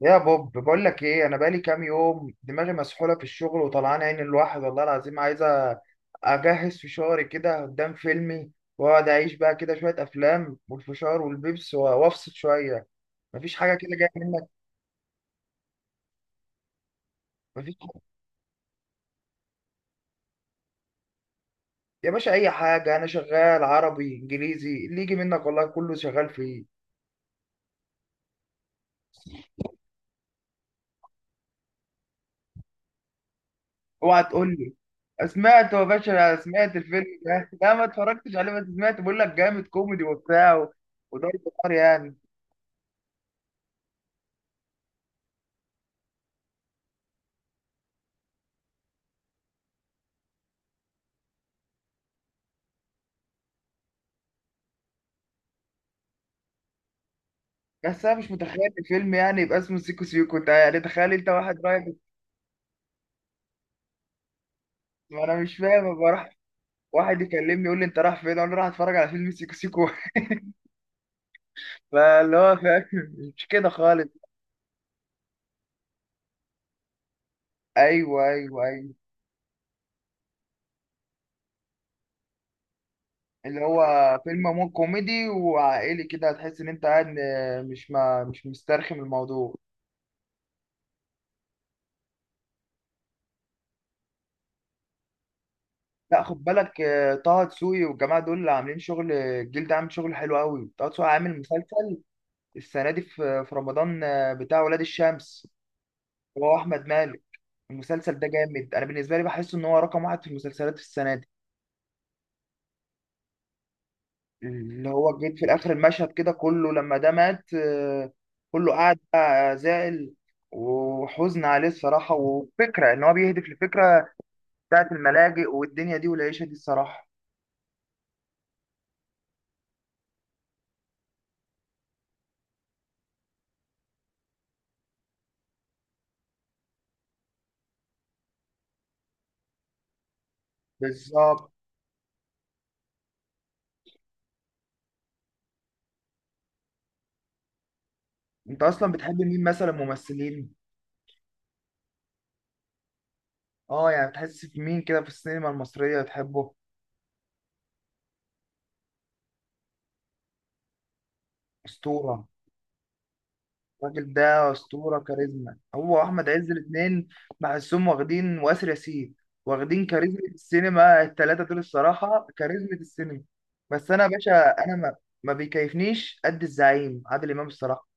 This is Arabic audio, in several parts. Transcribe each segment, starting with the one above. يا بوب بقول لك ايه، انا بقالي كام يوم دماغي مسحوله في الشغل وطلعان عين الواحد والله العظيم عايزه اجهز فشاري كده قدام فيلمي واقعد اعيش بقى كده شويه افلام والفشار والبيبس وافصل شويه. مفيش حاجه كده جايه منك؟ مفيش يا باشا. اي حاجه انا شغال عربي انجليزي، اللي يجي منك والله كله شغال فيه. اوعى تقول لي. سمعت يا باشا، سمعت الفيلم ده. لا ما اتفرجتش عليه بس سمعت، بقول لك جامد كوميدي وبتاع وضرب نار يعني. بس انا مش متخيل الفيلم يعني يبقى اسمه سيكو سيكو، انت يعني تخيل انت واحد رايح. انا مش فاهم ابقى راح واحد يكلمني يقول لي انت رايح فين، اقول له رايح اتفرج على فيلم سيكو سيكو. فاللي هو فاهم مش كده خالص. ايوه ايوه ايوه. اللي هو فيلم مو كوميدي وعائلي كده، هتحس ان انت قاعد مش مسترخم الموضوع. لا خد بالك طه دسوقي والجماعه دول اللي عاملين شغل، الجيل ده عامل شغل حلو قوي. طه دسوقي عامل مسلسل السنه دي في رمضان، بتاع ولاد الشمس. هو احمد مالك. المسلسل ده جامد، انا بالنسبه لي بحس ان هو رقم واحد في المسلسلات في السنه دي. اللي هو جيت في الاخر المشهد كده كله لما ده مات، كله قاعد بقى زعل وحزن عليه الصراحه. وفكره ان هو بيهدف لفكره بتاعت الملاجئ والدنيا دي والعيشه دي الصراحه. بالظبط. انت اصلا بتحب مين مثلا ممثلين؟ اه يعني بتحس في مين كده في السينما المصريه بتحبه؟ اسطوره. الراجل ده اسطوره كاريزما، هو واحمد عز الاثنين. بحسهم واخدين، واسر ياسين، واخدين كاريزما السينما الثلاثه دول الصراحه، كاريزما السينما. بس انا يا باشا انا ما بيكيفنيش قد الزعيم عادل امام الصراحه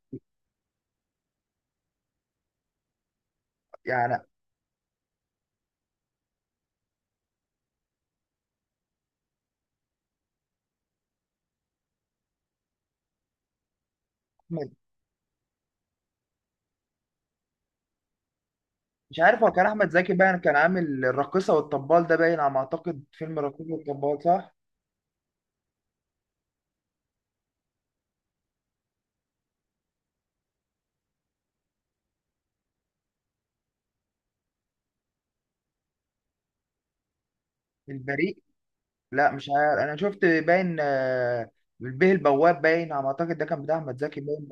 يعني. أحمد- مش عارف هو كان احمد زكي باين، كان عامل الراقصه والطبال، ده باين على ما اعتقد فيلم الراقصه والطبال صح؟ البريء. لا مش عارف، انا شفت باين البيه البواب، باين على ما اعتقد ده كان بتاع احمد زكي باين.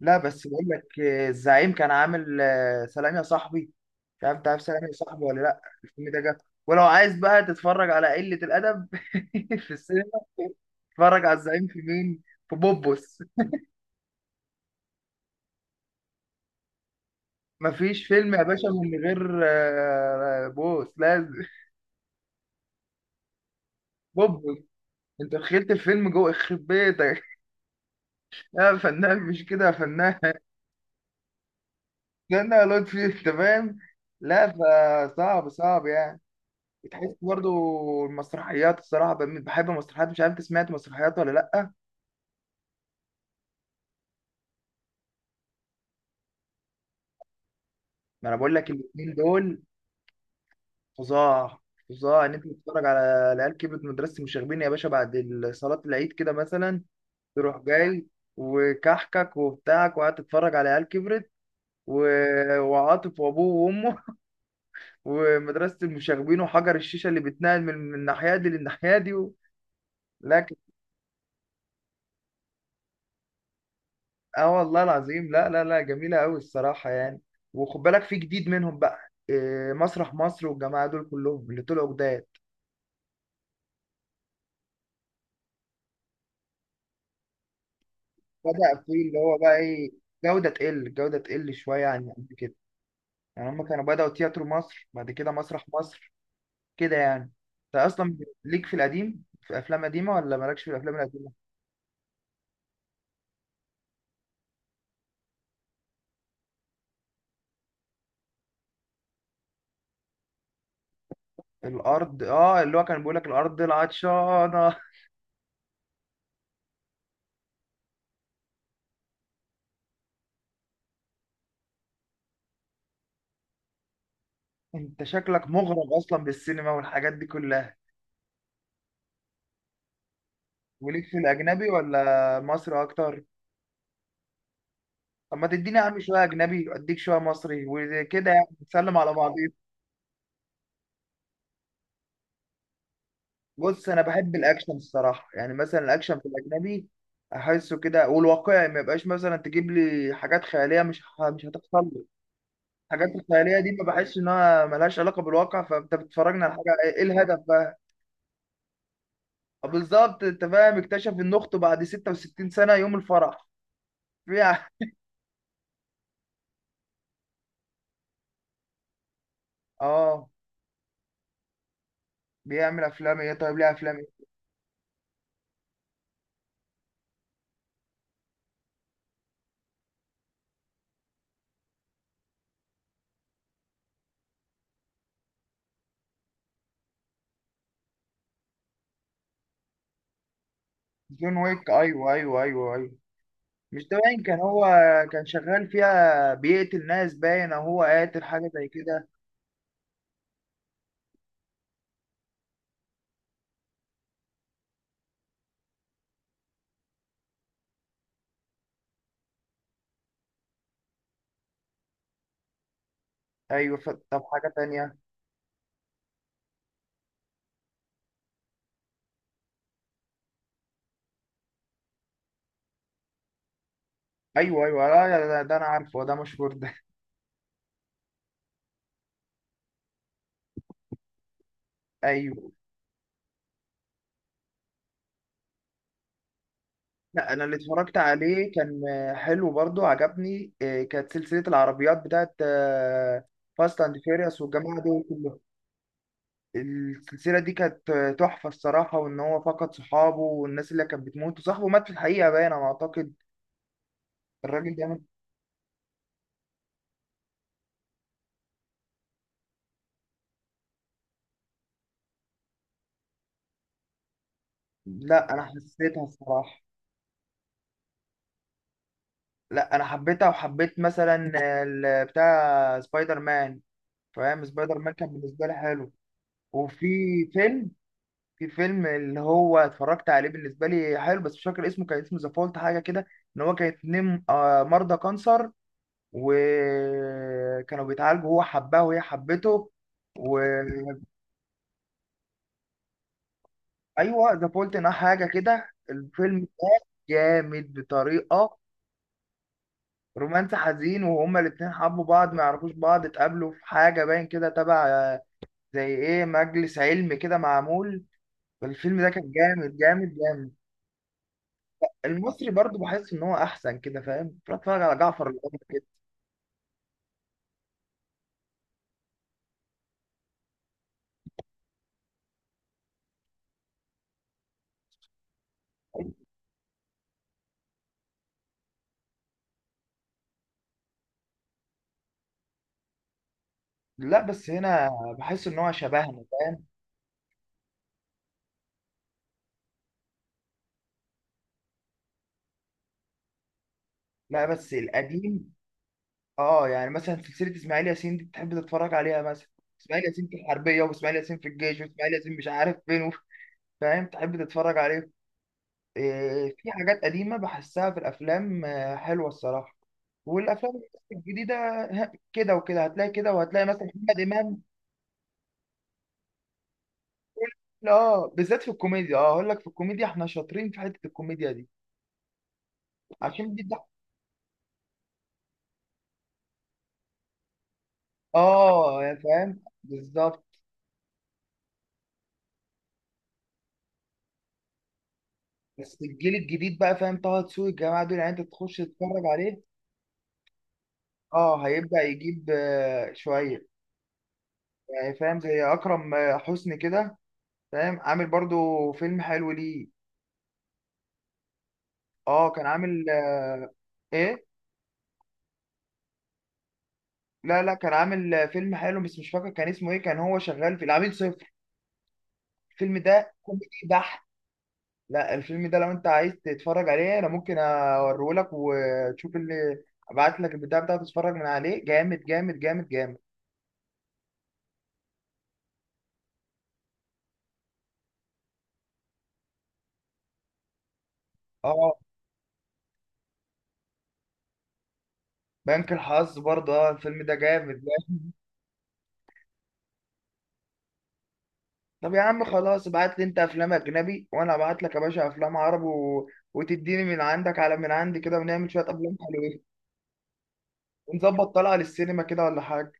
لا بس بقول لك، الزعيم كان عامل، سلام يا صاحبي. مش عارف انت عارف سلام يا صاحبي ولا لا؟ الفيلم ده جاب. ولو عايز بقى تتفرج على قلة الأدب في السينما، اتفرج على الزعيم في مين. في بوبوس. مفيش فيلم يا باشا من غير، بوس لازم. بوبوس. انت دخلت الفيلم جوه يخرب بيتك. لا يا فنان، مش كده يا فنان. استنى يا لطفي، انت فاهم. لا. فصعب صعب يعني. بتحس برضو. المسرحيات الصراحة بحب المسرحيات، مش عارف انت سمعت مسرحيات ولا لأ؟ ما انا بقول لك الاتنين دول. فظاع، فظاع ان انت تتفرج على العيال كبرت، مدرسة المشاغبين يا باشا بعد صلاة العيد كده مثلا، تروح جاي وكحكك وبتاعك وقاعد تتفرج على عيال كبرت وعاطف وابوه وامه. ومدرسة المشاغبين وحجر الشيشة اللي بتنقل من الناحية دي للناحية دي و… لا. اه والله العظيم، لا لا لا، جميلة قوي الصراحة يعني. وخد بالك في جديد منهم بقى، مسرح مصر والجماعة دول كلهم اللي طلعوا جداد. بدأ فيه اللي هو بقى ايه، جودة تقل الجودة تقل شوية عن قبل كده. يعني هما كانوا بدأوا تياترو مصر بعد كده مسرح مصر كده يعني. انت اصلا ليك في القديم في افلام قديمة ولا مالكش في الافلام القديمة؟ الارض. اه اللي هو كان بيقول لك الارض العطشانة. انت شكلك مغرم اصلا بالسينما والحاجات دي كلها. وليك في الاجنبي ولا مصر اكتر؟ طب ما تديني يا عم شويه اجنبي اديك شويه مصري وكده يعني، نسلم على بعضين. بص، انا بحب الاكشن الصراحه يعني، مثلا الاكشن في الاجنبي احسه كده والواقعي، ما يبقاش مثلا تجيب لي حاجات خياليه مش مش هتحصل لي. الحاجات الخياليه دي ما بحسش انها ملهاش علاقه بالواقع، فانت بتتفرجنا على حاجه ايه الهدف بقى؟ آه بالظبط، انت فاهم، اكتشف ان اخته بعد 66 سنه يوم الفرح. بيع- اه بيعمل افلام ايه طيب، ليه افلام ايه؟ جون ويك، ايوه ايوه ايوه ايوه. مش ده باين كان هو كان شغال فيها بيقتل ناس باين، او هو قاتل حاجه زي كده. ايوه ف… طب حاجه تانية. ايوه ايوه، لا ده, انا عارفه ده مشهور ده. ايوه. لا انا اللي اتفرجت عليه كان حلو برضو، عجبني كانت سلسله العربيات بتاعت فاست اند فيريوس والجماعه دول كلهم. السلسله دي كانت، تحفه الصراحه، وان هو فقد صحابه والناس اللي كانت بتموت، وصاحبه مات في الحقيقه باين انا اعتقد. الراجل ده مات- لا انا حسيتها الصراحه. لا انا حبيتها، وحبيت مثلا بتاع سبايدر مان. فاهم سبايدر مان كان بالنسبه لي حلو. وفي فيلم في فيلم اللي هو اتفرجت عليه بالنسبه لي حلو بس مش فاكر اسمه، كان اسمه ذا فولت حاجه كده. ان هو كان اتنين، مرضى كانسر، وكانوا بيتعالجوا، هو حبها وهي حبته، وايوه. ذا فولت انها حاجه كده الفيلم ده، جامد بطريقه. رومانس حزين، وهما الاتنين حبوا بعض، ما يعرفوش بعض، اتقابلوا في حاجة باين كده تبع، زي ايه مجلس علمي كده معمول. الفيلم ده كان جامد جامد جامد. المصري برضو بحس ان هو احسن كده فاهم، بروح اتفرج على جعفر العمدة كده. لا بس هنا بحس ان هو شبهنا فاهم. لا بس القديم. اه يعني مثلا سلسلة اسماعيل ياسين دي بتحب تتفرج عليها مثلا، اسماعيل ياسين في الحربية، واسماعيل ياسين في الجيش، واسماعيل ياسين مش عارف فين فاهم، تحب تتفرج عليه. في حاجات قديمة بحسها في الأفلام، حلوة الصراحة. والأفلام الجديدة كده وكده، هتلاقي كده وهتلاقي مثلا محمد إمام. لا بالذات في الكوميديا، اه أقول لك، في الكوميديا إحنا شاطرين في حتة الكوميديا دي. عشان دي بتاع- اه يا فاهم بالظبط. بس الجيل الجديد بقى، فاهم، طه دسوقي الجماعة دول يعني أنت تخش تتفرج عليه. اه هيبدأ يجيب، شوية يعني، فاهم، زي أكرم، حسني كده، فاهم، عامل برضو فيلم حلو ليه. اه كان عامل، ايه، لا لا كان عامل فيلم حلو بس مش فاكر كان اسمه ايه. كان هو شغال في العميل صفر، الفيلم ده كوميدي بحت. لا الفيلم ده لو انت عايز تتفرج عليه انا ممكن اوريهولك، وتشوف اللي ابعت لك البتاع بتاعته تتفرج من عليه، جامد جامد جامد جامد. اه، بنك الحظ برضه، اه الفيلم ده جامد جامد. طب يا عم خلاص ابعت لي انت افلام اجنبي وانا ابعت لك يا باشا افلام عربي و… وتديني من عندك على من عندي كده، ونعمل شويه افلام حلوين، ونظبط طلعه للسينما كده ولا حاجه.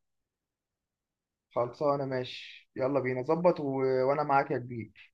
خلصانه ماشي يلا بينا ظبط و… وانا معاك يا كبير.